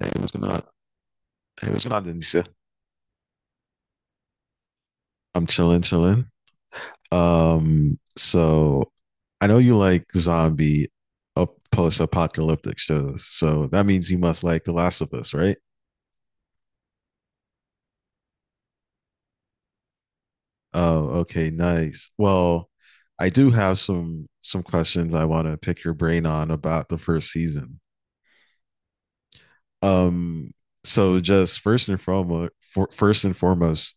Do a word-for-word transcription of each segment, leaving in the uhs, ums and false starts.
Hey, what's going on? Hey, what's going on, Denise? I'm chilling, chilling. Um, so I know you like zombie up post-apocalyptic shows, so that means you must like The Last of Us, right? Oh, okay, nice. Well, I do have some some questions I want to pick your brain on about the first season. Um, so just first and foremost, for, first and foremost,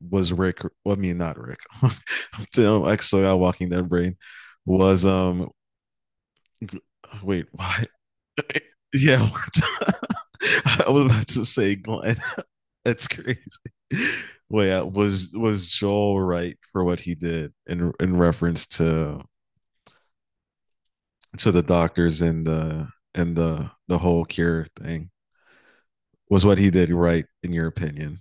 was Rick, well, I mean, not Rick. Damn, actually, I'm walking that brain was um Wait, why? Yeah, I was about to say Glenn. That's crazy. Wait, uh, was was Joel right for what he did in in reference to to the doctors and the and the the whole cure thing? Was what he did right in your opinion?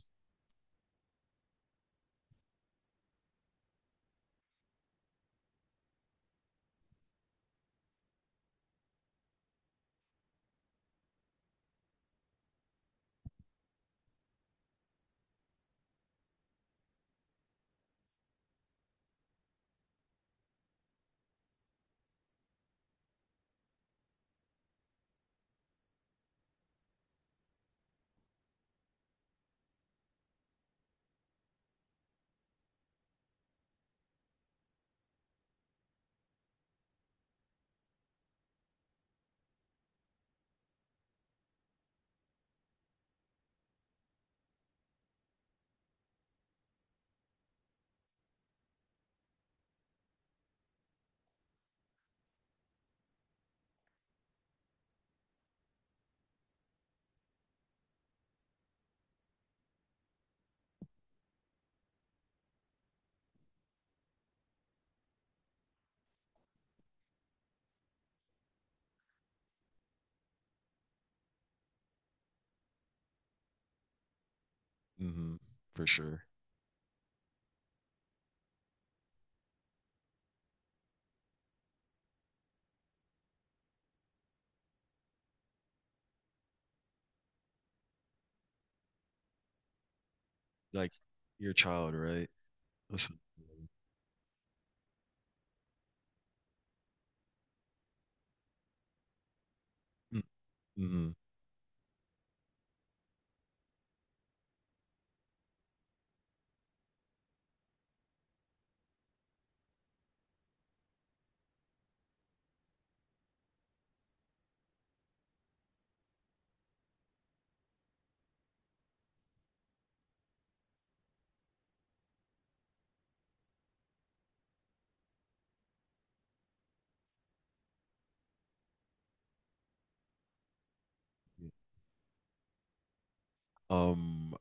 hmm For sure. Like your child, right? Listen. Mm-hmm. Um,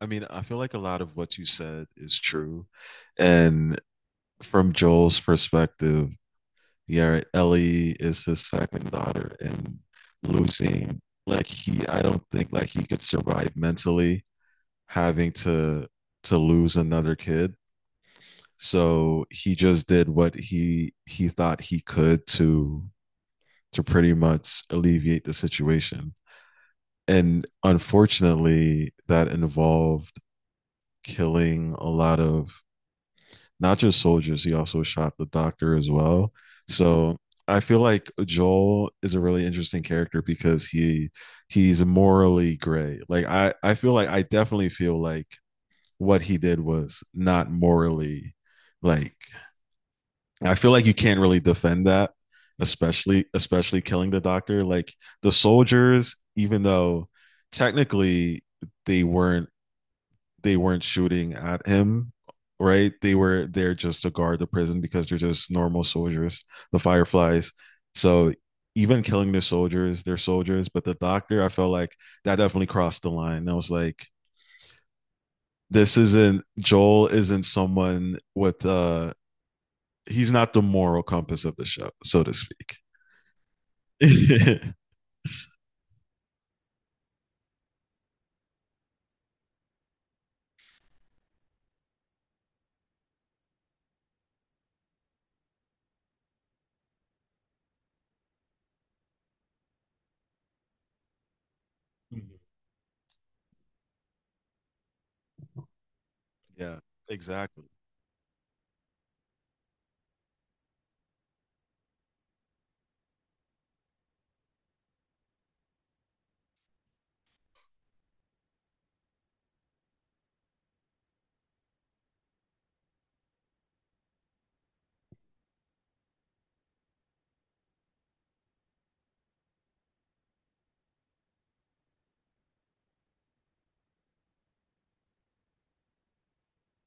I mean, I feel like a lot of what you said is true. And from Joel's perspective, yeah, Ellie is his second daughter and losing like he I don't think like he could survive mentally having to to lose another kid. So he just did what he he thought he could to to pretty much alleviate the situation. And unfortunately, that involved killing a lot of not just soldiers, he also shot the doctor as well. So I feel like Joel is a really interesting character because he he's morally gray. Like I I feel like I definitely feel like what he did was not morally like I feel like you can't really defend that, especially especially killing the doctor. Like the soldiers, even though technically they weren't they weren't shooting at him, right? They were there just to guard the prison because they're just normal soldiers, the fireflies. So even killing the soldiers, they're soldiers, but the doctor, I felt like that definitely crossed the line. I was like, this isn't Joel isn't someone with uh he's not the moral compass of the show, so to speak. Yeah, exactly.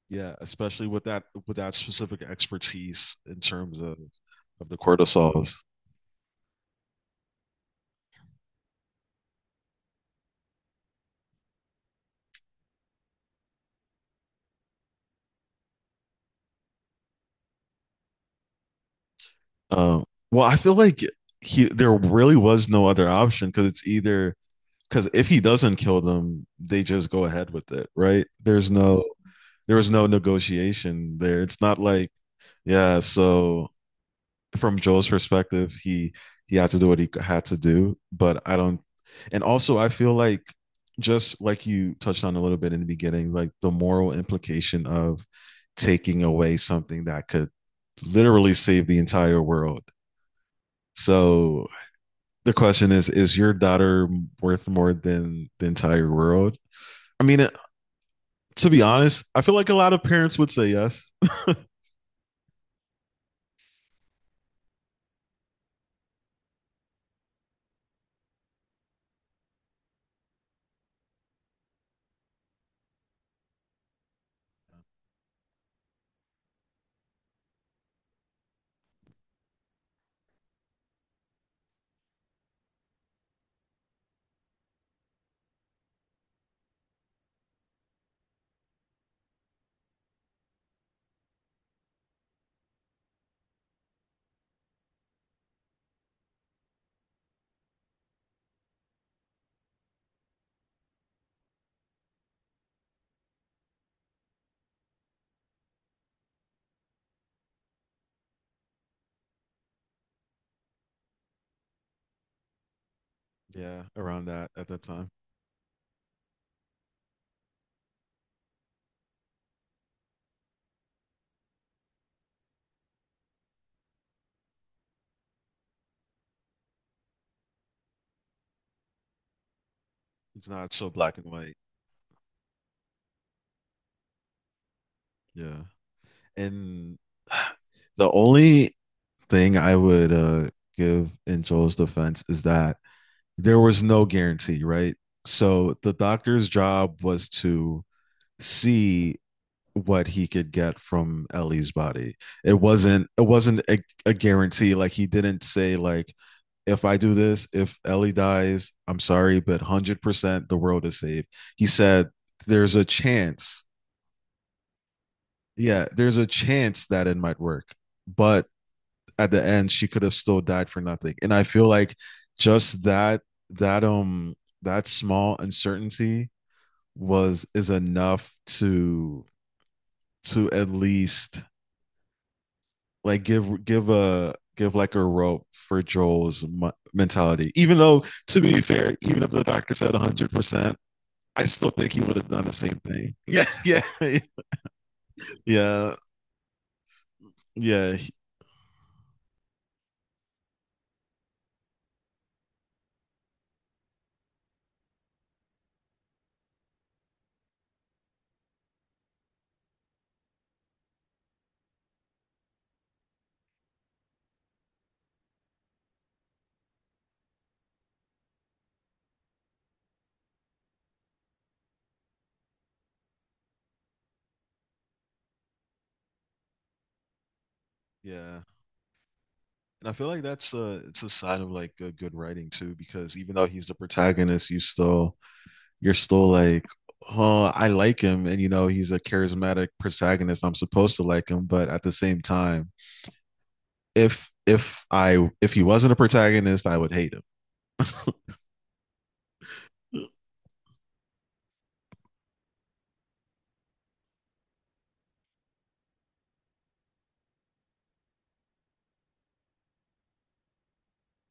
Yeah, especially with that with that specific expertise in terms of of the cortisols. Um, well, I feel like he there really was no other option because it's either because if he doesn't kill them, they just go ahead with it, right? There's no there was no negotiation there. It's not like yeah, so from Joel's perspective, he he had to do what he had to do, but I don't. And also, I feel like just like you touched on a little bit in the beginning, like the moral implication of taking away something that could literally save the entire world. So the question is: Is your daughter worth more than the entire world? I mean, to be honest, I feel like a lot of parents would say yes. Yeah, around that at that time, it's not so black and white. Yeah. And the only thing I would uh, give in Joel's defense is that there was no guarantee, right? So the doctor's job was to see what he could get from Ellie's body. It wasn't it wasn't a, a guarantee. Like he didn't say like if I do this, if Ellie dies, I'm sorry, but one hundred percent the world is saved. He said there's a chance. Yeah, there's a chance that it might work, but at the end she could have still died for nothing and i feel like just that that um that small uncertainty was is enough to to at least like give give a give like a rope for Joel's mentality. Even though, to be fair, even if the doctor said one hundred percent, I still think he would have done the same thing. Yeah, yeah, yeah, yeah, yeah. And I feel like that's a it's a sign of like a good writing too, because even though he's the protagonist, you still you're still like, oh, I like him, and you know he's a charismatic protagonist. I'm supposed to like him, but at the same time, if if I if he wasn't a protagonist, I would hate him.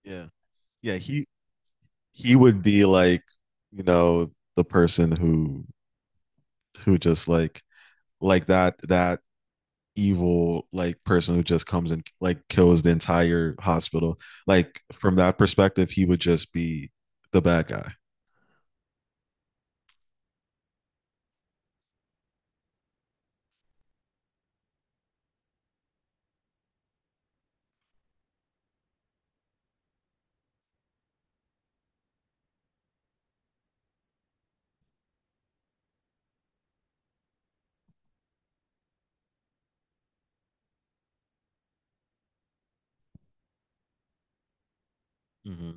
Yeah. Yeah, he he would be like, you know, the person who who just like like that that evil like person who just comes and like kills the entire hospital. Like from that perspective, he would just be the bad guy. Mm-hmm.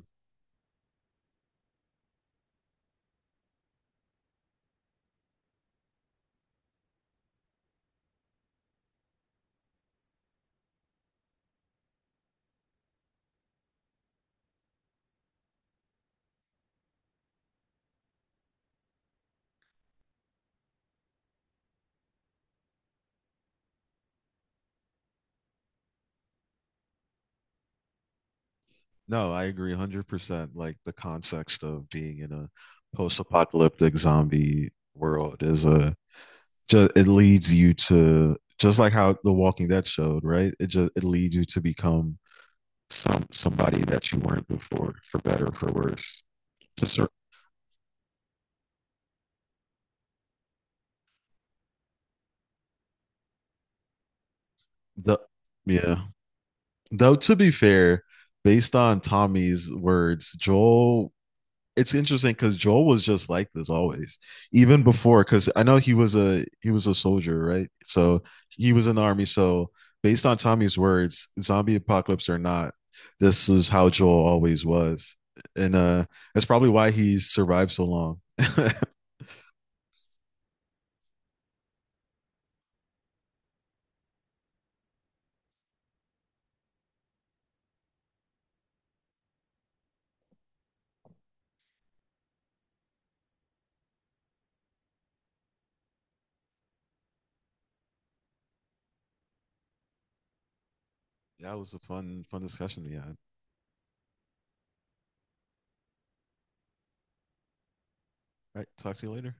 No, I agree one hundred percent. Like the context of being in a post-apocalyptic zombie world is a just it leads you to just like how The Walking Dead showed, right? It just it leads you to become some somebody that you weren't before, for better or for worse. To sur- the Yeah. Though to be fair, based on Tommy's words, Joel it's interesting because Joel was just like this always, even before. Because I know he was a he was a soldier, right? So he was in the army. So based on Tommy's words, zombie apocalypse or not, this is how Joel always was, and uh, that's probably why he survived so long. That was a fun fun discussion we had. All right, talk to you later.